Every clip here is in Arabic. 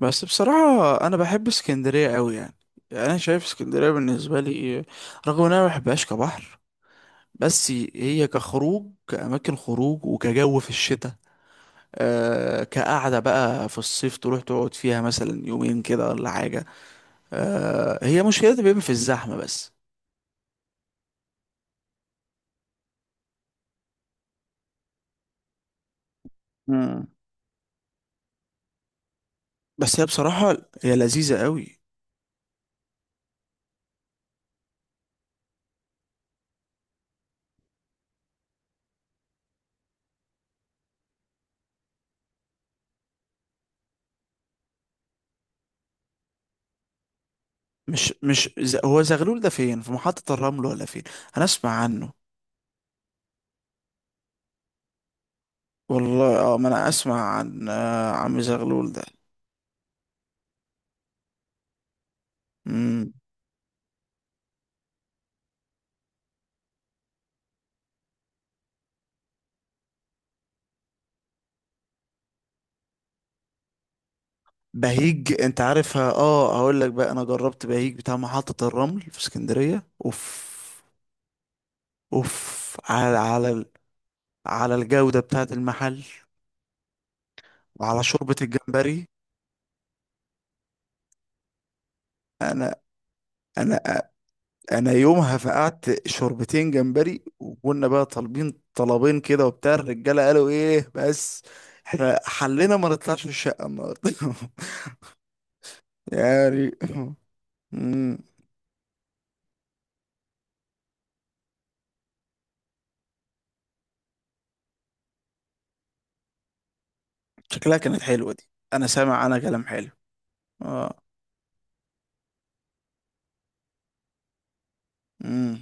بس بصراحة أنا بحب اسكندرية أوي يعني أنا شايف اسكندرية بالنسبة لي، رغم إن أنا ما بحبهاش كبحر، بس هي كخروج كأماكن خروج وكجو في الشتاء، آه كقعدة بقى في الصيف تروح تقعد فيها مثلا يومين كده ولا حاجة. آه هي مشكلتها بيبقى في الزحمة بس. مم. بس هي بصراحة هي لذيذة أوي. مش مش ز- هو زغلول ده فين؟ في محطة الرمل ولا فين؟ أنا أسمع عنه. والله اه، ما أنا أسمع عن عم زغلول ده. مم. بهيج انت عارفها؟ اه هقول لك بقى، انا جربت بهيج بتاع محطة الرمل في اسكندرية. اوف اوف على الجودة بتاعة المحل، وعلى شوربة الجمبري. انا انا انا يومها فقعت شوربتين جمبري، وكنا بقى طالبين طلبين كده، وبتاع الرجالة قالوا ايه بس احنا حلنا ما نطلعش من الشقة النهارده. يعني. مم. شكلها كانت حلوة دي، انا سامع انا كلام حلو اه.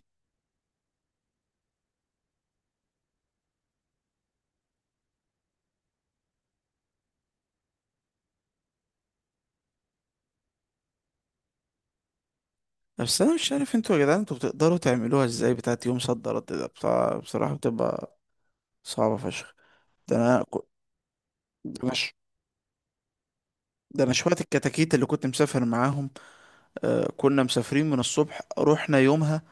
بس انا مش عارف انتوا يا جدعان، انتوا بتقدروا تعملوها ازاي بتاعت يوم صد رد ده بتاع؟ بصراحة بتبقى صعبة فشخ. ده انا ك- ده انا ش- ده انا شوية الكتاكيت اللي كنت مسافر معاهم. آه كنا مسافرين من الصبح، رحنا يومها،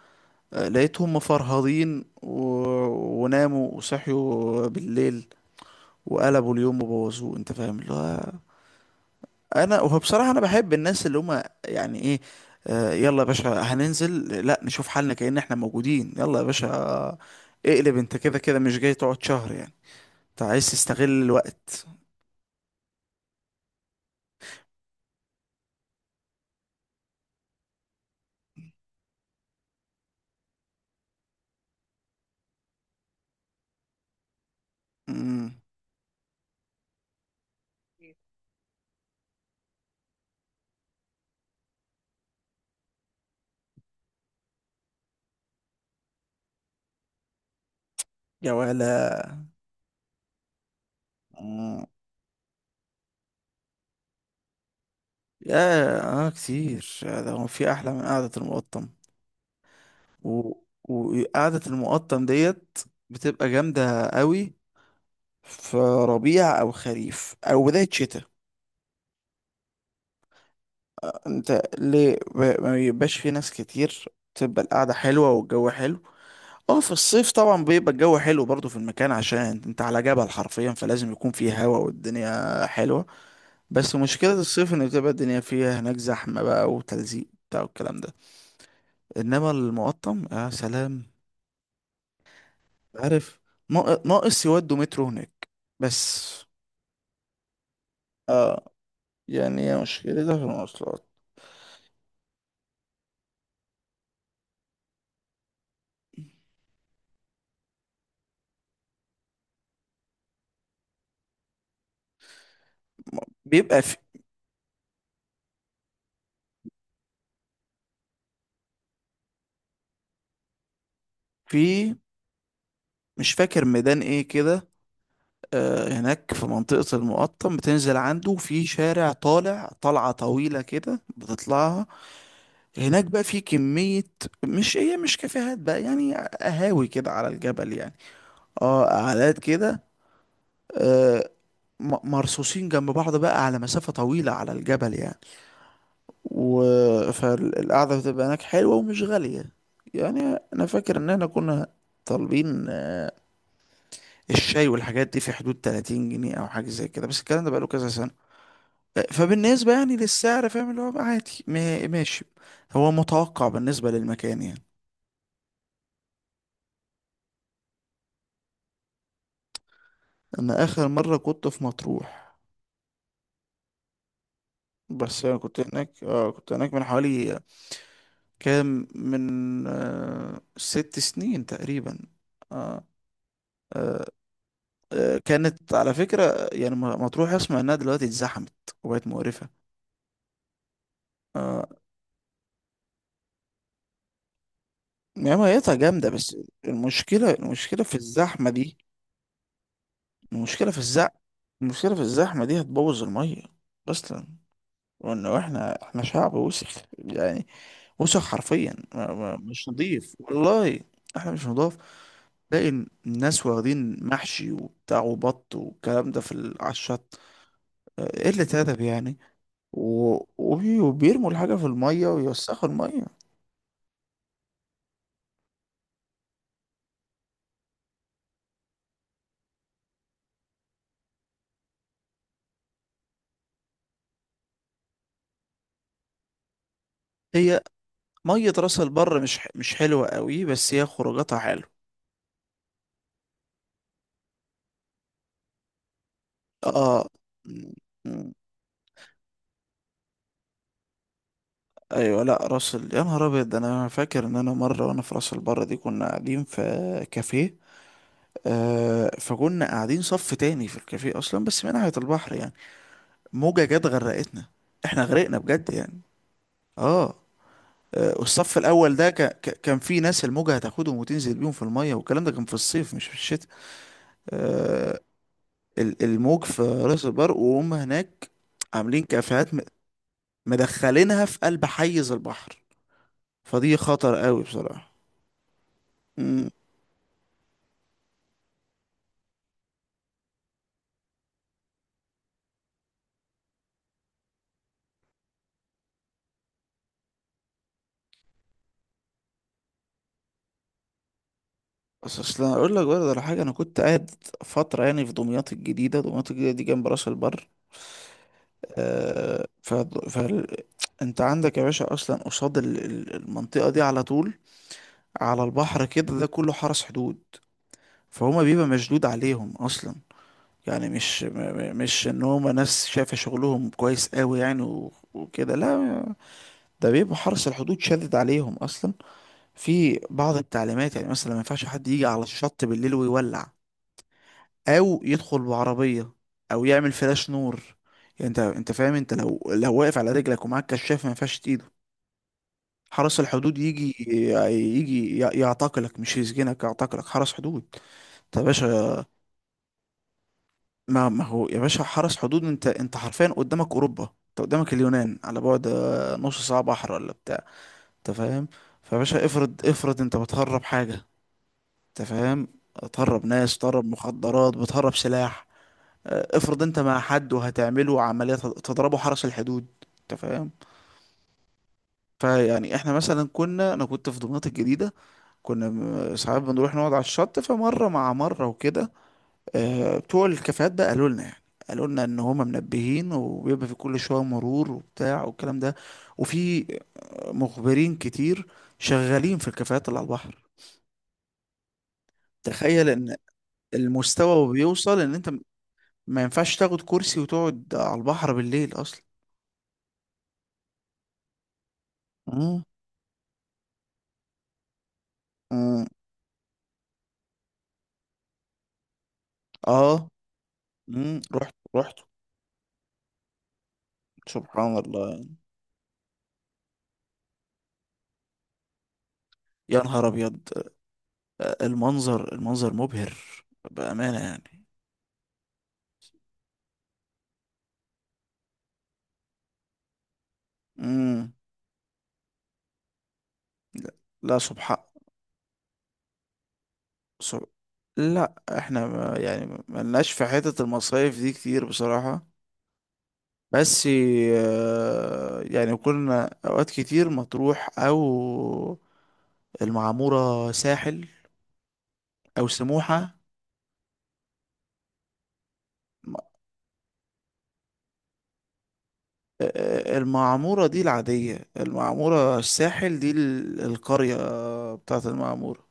آه لقيتهم مفرهدين وناموا وصحيوا بالليل، وقلبوا اليوم وبوظوه انت فاهم اللي هو. انا وهو بصراحه انا بحب الناس اللي هم يعني ايه، آه يلا يا باشا هننزل لا نشوف حالنا كأن احنا موجودين، يلا يا باشا اقلب، انت كده كده مش جاي تقعد شهر يعني، انت عايز تستغل الوقت. امم. يا ولا. مم. يا اه، كتير يا ده، هو في احلى من قعده المقطم؟ و... وقعده المقطم ديت بتبقى جامده قوي في ربيع او خريف او بدايه شتاء. انت ليه ما بيبقاش في ناس كتير؟ تبقى القعدة حلوة والجو حلو. اه في الصيف طبعا بيبقى الجو حلو برضو في المكان، عشان انت على جبل حرفيا، فلازم يكون فيه هوا والدنيا حلوة. بس مشكلة الصيف ان بتبقى الدنيا فيها هناك زحمة بقى وتلزيق بتاع والكلام ده. انما المقطم يا سلام! عارف، ناقص يودوا مترو هناك بس. اه يعني هي مشكلتها في المواصلات، بيبقى في في- مش فاكر ميدان ايه كده، آه، هناك في منطقة المقطم بتنزل عنده في شارع طالع طلعة طويلة كده بتطلعها. هناك بقى في كمية، مش هي مش كافيهات بقى، يعني قهاوي كده على الجبل يعني. اه قعدات كده، آه، مرصوصين جنب بعض بقى على مسافة طويلة على الجبل يعني. و، فالقعدة بتبقى هناك حلوة ومش غالية يعني. أنا فاكر إن احنا كنا طالبين الشاي والحاجات دي في حدود 30 جنيه أو حاجة زي كده، بس الكلام ده بقاله كذا سنة. فبالنسبة يعني للسعر، فاهم اللي هو بقى عادي ماشي. هو متوقع بالنسبة للمكان يعني. أنا آخر مرة كنت في مطروح، بس أنا كنت هناك، آه كنت هناك من حوالي كام، من آه 6 سنين تقريبا. آه آه كانت على فكرة يعني مطروح أسمع إنها دلوقتي اتزحمت وبقت مقرفة. آه يعني ميتها جامدة بس. المشكلة في الزحمة دي، المشكلة في الزحمة، المشكلة في الزحمة دي هتبوظ المية أصلا. وانه احنا، احنا شعب وسخ يعني، وسخ حرفيا، مش نضيف والله. احنا مش نضاف. تلاقي الناس واخدين محشي وبتاع وبط والكلام ده في على الشط، آه، قلة أدب يعني، وبيرموا الحاجة في المية ويوسخوا المية. هي مية راس البر مش حلوة قوي، بس هي خروجاتها حلوة اه. م- م- ايوه لا راس ال... يا نهار ابيض، ده انا فاكر ان انا مره وانا في راس البر دي، كنا قاعدين في كافيه، آه فكنا قاعدين صف تاني في الكافيه اصلا بس من ناحية البحر يعني. موجة جت غرقتنا. احنا غرقنا بجد يعني. اه، آه، والصف الاول ده كان في ناس الموجة هتاخدهم وتنزل بيهم في المية، والكلام ده كان في الصيف مش في الشتاء. آه، الموج في راس البر وهم هناك عاملين كافيهات مدخلينها في قلب حيز البحر، فدي خطر قوي بصراحة. مم. بس اصل أنا اقول لك برضه على حاجة، انا كنت قاعد فترة يعني في دمياط الجديدة، دمياط الجديدة دي جنب راس البر. آه، ف... انت عندك يا باشا اصلا قصاد المنطقه دي على طول على البحر كده، ده كله حرس حدود، فهما بيبقى مشدود عليهم اصلا يعني. مش م- م- مش ان هما ناس شايفه شغلهم كويس قوي يعني و- وكده، لا، ده بيبقى حرس الحدود شادد عليهم اصلا في بعض التعليمات. يعني مثلا ما ينفعش حد يجي على الشط بالليل ويولع، او يدخل بعربيه، او يعمل فلاش نور، يعني انت انت فاهم، انت لو واقف على رجلك ومعاك كشاف، ما ينفعش. حرس الحدود يجي، يعتقلك، مش يسجنك، يعتقلك حرس حدود. طب يا باشا؟ ما هو يا باشا حرس حدود، انت انت حرفيا قدامك اوروبا، انت قدامك اليونان على بعد آه، نص ساعه بحر ولا بتاع، انت فاهم. فيا باشا افرض انت بتهرب حاجه، انت فاهم، تهرب ناس، تهرب مخدرات، بتهرب سلاح، آه، افرض انت مع حد وهتعمله عمليه، تضربه حرس الحدود، انت فاهم. فيعني احنا مثلا كنا، انا كنت في دمياط الجديده، كنا ساعات بنروح نقعد على الشط، فمره مع مره وكده، آه، بتوع الكافيهات بقى قالوا لنا يعني، قالوا لنا ان هما منبهين، وبيبقى في كل شويه مرور وبتاع والكلام ده، وفي مخبرين كتير شغالين في الكافيهات اللي على البحر. تخيل ان المستوى بيوصل ان انت ما ينفعش تاخد كرسي وتقعد على البحر بالليل اصلا. امم امم اه رحت. سبحان الله يعني. يا نهار ابيض، المنظر المنظر مبهر بأمانة يعني. امم لا لا، سبحان، سب... لا احنا ما يعني ما لناش في حتة المصايف دي كتير بصراحة، بس آه، يعني كنا اوقات كتير مطروح، او المعمورة ساحل، او سموحة. م- آه، آه، المعمورة دي العادية، المعمورة الساحل دي القرية بتاعت المعمورة،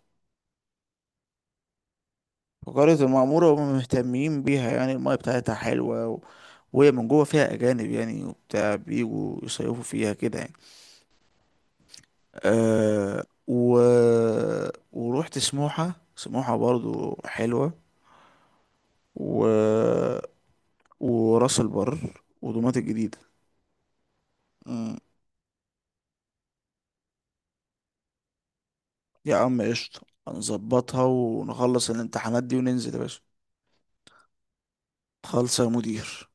فقرية المعمورة هم مهتمين بيها يعني، المايه بتاعتها حلوة وهي من جوه فيها أجانب يعني، وبتاع بيجوا يصيفوا فيها كده يعني. أه ورحت سموحة، سموحة برضو حلوة، و... وراس البر ودمياط الجديدة. مم. يا عم قشطة، هنظبطها ونخلص الامتحانات دي وننزل يا باشا. خالصة يا مدير.